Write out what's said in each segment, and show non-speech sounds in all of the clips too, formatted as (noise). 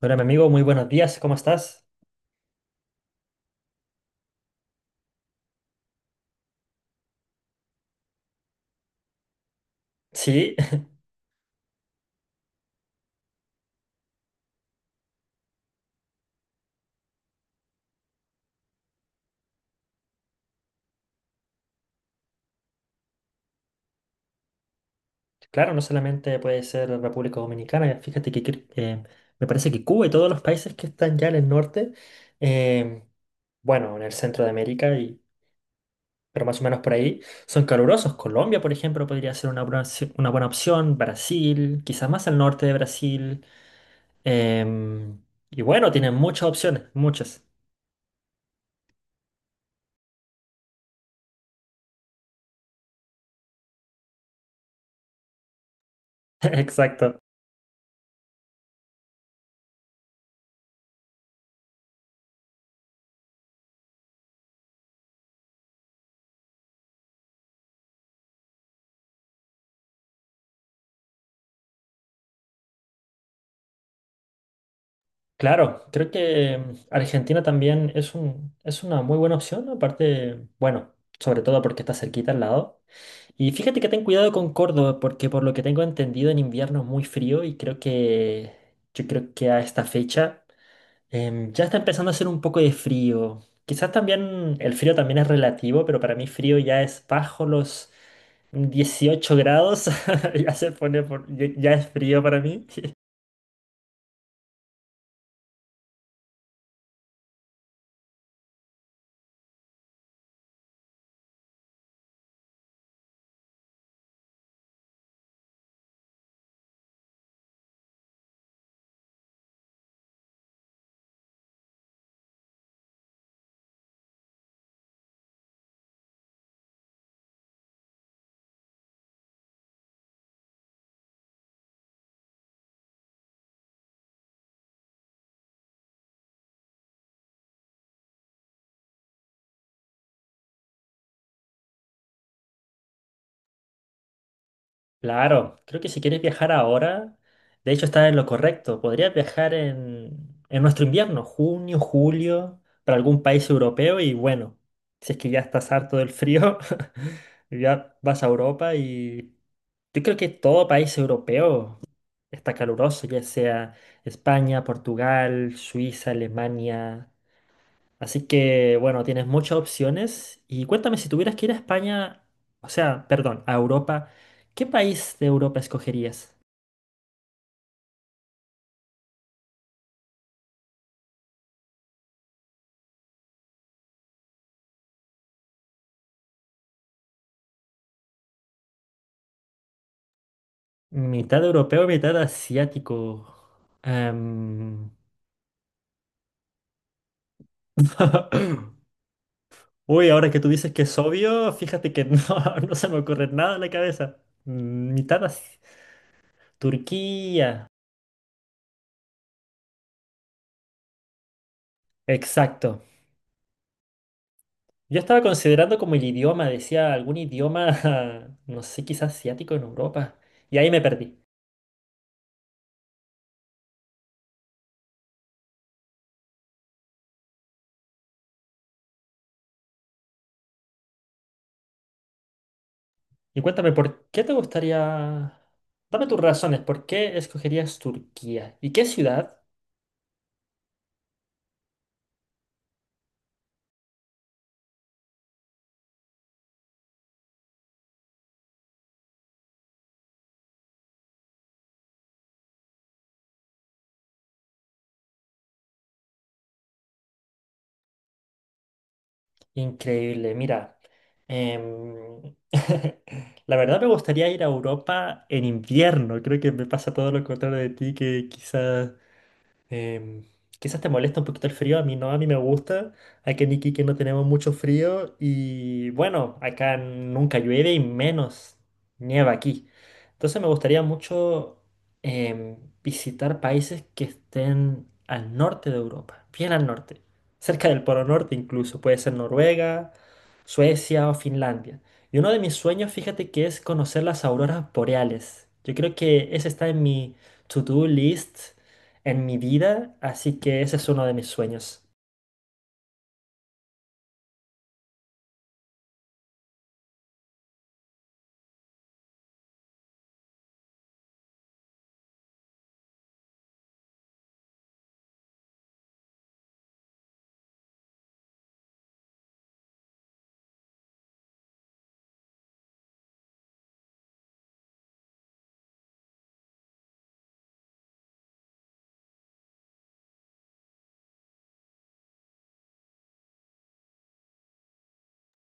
Hola, mi amigo, muy buenos días, ¿cómo estás? Sí, (laughs) claro, no solamente puede ser República Dominicana, fíjate que me parece que Cuba y todos los países que están ya en el norte, em, bueno, en el centro de América, y, pero más o menos por ahí, son calurosos. Colombia, por ejemplo, podría ser una buena, una buena opción. Brasil, quizás más al norte de Brasil, em, y bueno, tienen muchas opciones, muchas. (laughs) Exacto. Claro, creo que Argentina también es una muy buena opción, aparte, bueno, sobre todo porque está cerquita al lado. Y fíjate que ten cuidado con Córdoba, porque por lo que tengo entendido en invierno es muy frío y creo que yo creo que a esta fecha ya está empezando a hacer un poco de frío. Quizás también el frío también es relativo, pero para mí frío ya es bajo los 18 grados, (laughs) ya se pone por, ya es frío para mí. Claro, creo que si quieres viajar ahora, de hecho está en lo correcto. Podrías viajar en nuestro invierno, junio, julio, para algún país europeo y bueno, si es que ya estás harto del frío, (laughs) ya vas a Europa y yo creo que todo país europeo está caluroso, ya sea España, Portugal, Suiza, Alemania. Así que, bueno, tienes muchas opciones. Y cuéntame, si tuvieras que ir a España, o sea, perdón, a Europa, ¿qué país de Europa escogerías? Mitad europeo, mitad asiático. Em, (laughs) Uy, ahora que tú dices que es obvio, fíjate que no, (laughs) no se me ocurre nada en la cabeza. Mm, Mitad asi- Turquía. Exacto. Yo estaba considerando como el idioma, decía algún idioma, (laughs) no sé, quizás asiático en Europa. Y ahí me perdí. Y cuéntame, ¿por qué te gustaría... Dame tus razones, ¿por qué escogerías Turquía? ¿Y qué ciudad? Increíble, mira. em, (laughs) La verdad me gustaría ir a Europa en invierno. Creo que me pasa todo lo contrario de ti, que quizás Em, quizás te molesta un poquito el frío, a mí no, a mí me gusta. Aquí en Iquique no tenemos mucho frío y bueno, acá nunca llueve y menos nieva aquí. Entonces me gustaría mucho em, visitar países que estén al norte de Europa, bien al norte, cerca del Polo Norte incluso, puede ser Noruega, Suecia o Finlandia. Y uno de mis sueños, fíjate que es conocer las auroras boreales. Yo creo que ese está en mi to-do list en mi vida, así que ese es uno de mis sueños.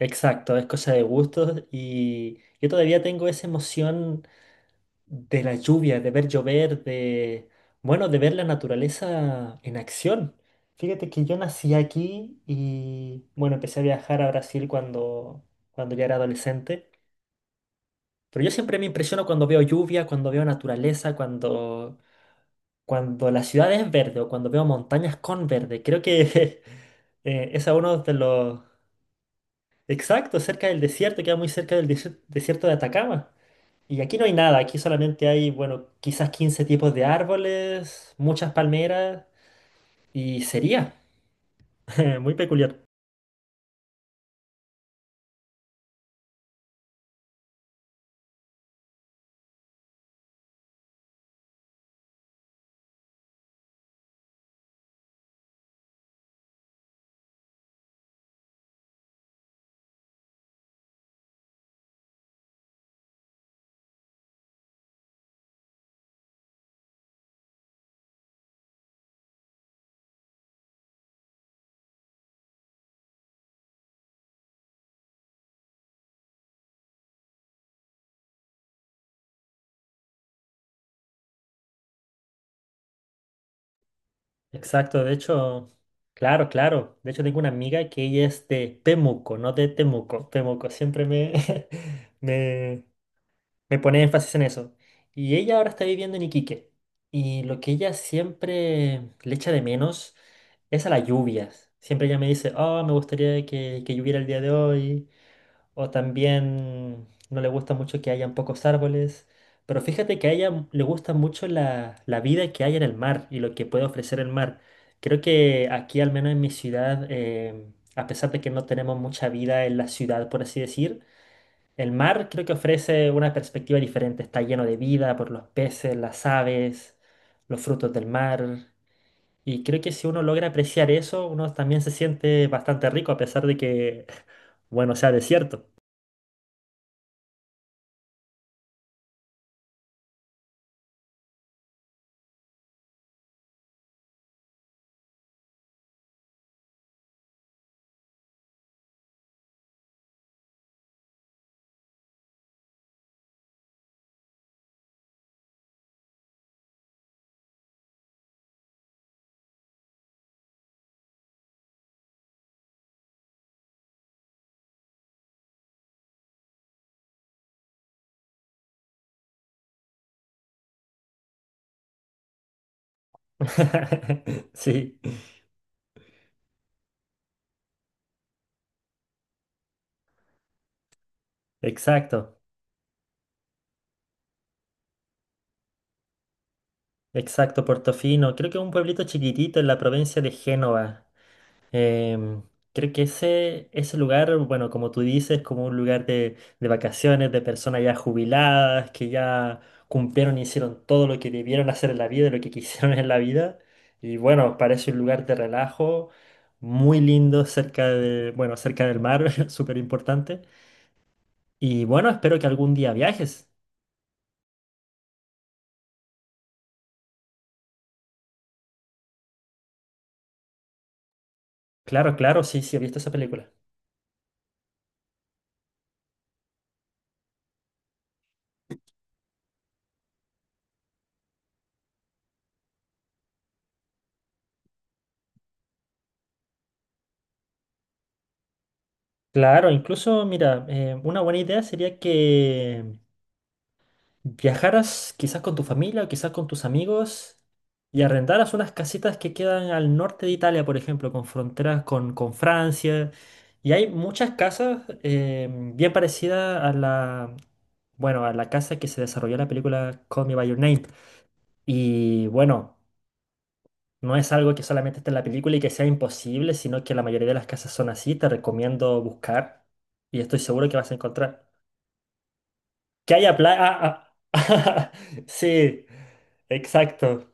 Exacto, es cosa de gustos y yo todavía tengo esa emoción de la lluvia, de ver llover, de, bueno, de ver la naturaleza en acción. Fíjate que yo nací aquí y, bueno, empecé a viajar a Brasil cuando ya era adolescente, pero yo siempre me impresiono cuando veo lluvia, cuando veo naturaleza, cuando la ciudad es verde o cuando veo montañas con verde. Creo que... (laughs) es uno de los, Exacto, cerca del desierto, queda muy cerca del desierto de Atacama. Y aquí no hay nada, aquí solamente hay, bueno, quizás 15 tipos de árboles, muchas palmeras y sería (laughs) muy peculiar. Exacto, de hecho, claro, claro. De hecho, tengo una amiga que ella es de Temuco, no de Temuco. Temuco, (laughs) me, me pone énfasis en eso. Y ella ahora está viviendo en Iquique. Y lo que ella siempre le echa de menos es a las lluvias. Siempre ella me dice, oh, me gustaría que lloviera el día de hoy. O también no le gusta mucho que hayan pocos árboles. Pero fíjate que a ella le gusta mucho la vida que hay en el mar y lo que puede ofrecer el mar. Creo que aquí, al menos en mi ciudad, a pesar de que no tenemos mucha vida en la ciudad, por así decir, el mar creo que ofrece una perspectiva diferente, está lleno de vida por los peces, las aves, los frutos del mar. Y creo que si uno logra apreciar eso, uno también se siente bastante rico a pesar de que, (laughs) bueno, sea desierto. (laughs) Sí, exacto, exacto, Portofino. Creo que es un pueblito chiquitito en la provincia de Génova. Em, creo que ese lugar, bueno, como tú dices, como un lugar de vacaciones, de personas ya jubiladas, que ya cumplieron y hicieron todo lo que debieron hacer en la vida, y lo que (laughs) quisieron en la vida. Y bueno, parece un lugar de relajo, muy lindo, cerca de, bueno, cerca del mar, (laughs) súper importante. Y bueno, espero que algún día viajes. Claro, claro, sí, sí, he visto esa película. Claro, incluso, mira, una buena idea sería que viajaras quizás con tu familia o quizás con tus amigos y arrendaras unas casitas que quedan al norte de Italia, por ejemplo, con fronteras con Francia. Y hay muchas casas bien parecidas a la, bueno, a la casa que se desarrolló en la película Call Me By Your Name. Y bueno, no es algo que solamente esté en la película y que sea imposible, sino que la mayoría de las casas son así. Te recomiendo buscar y estoy seguro que vas a encontrar. Que haya playa. (laughs) Sí, exacto.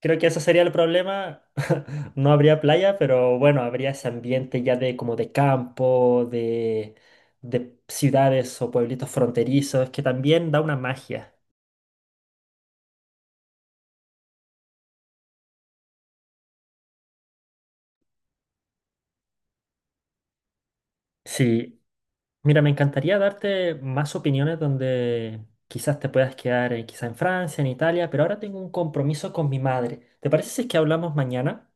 Creo que ese sería el problema. (laughs) No habría playa, pero bueno, habría ese ambiente ya de como de campo, de ciudades o pueblitos fronterizos, que también da una magia. Sí, mira, me encantaría darte más opiniones donde quizás te puedas quedar, quizá en Francia, en Italia, pero ahora tengo un compromiso con mi madre. ¿Te parece si es que hablamos mañana?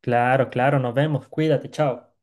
Claro, claro, nos vemos. Cuídate, chao.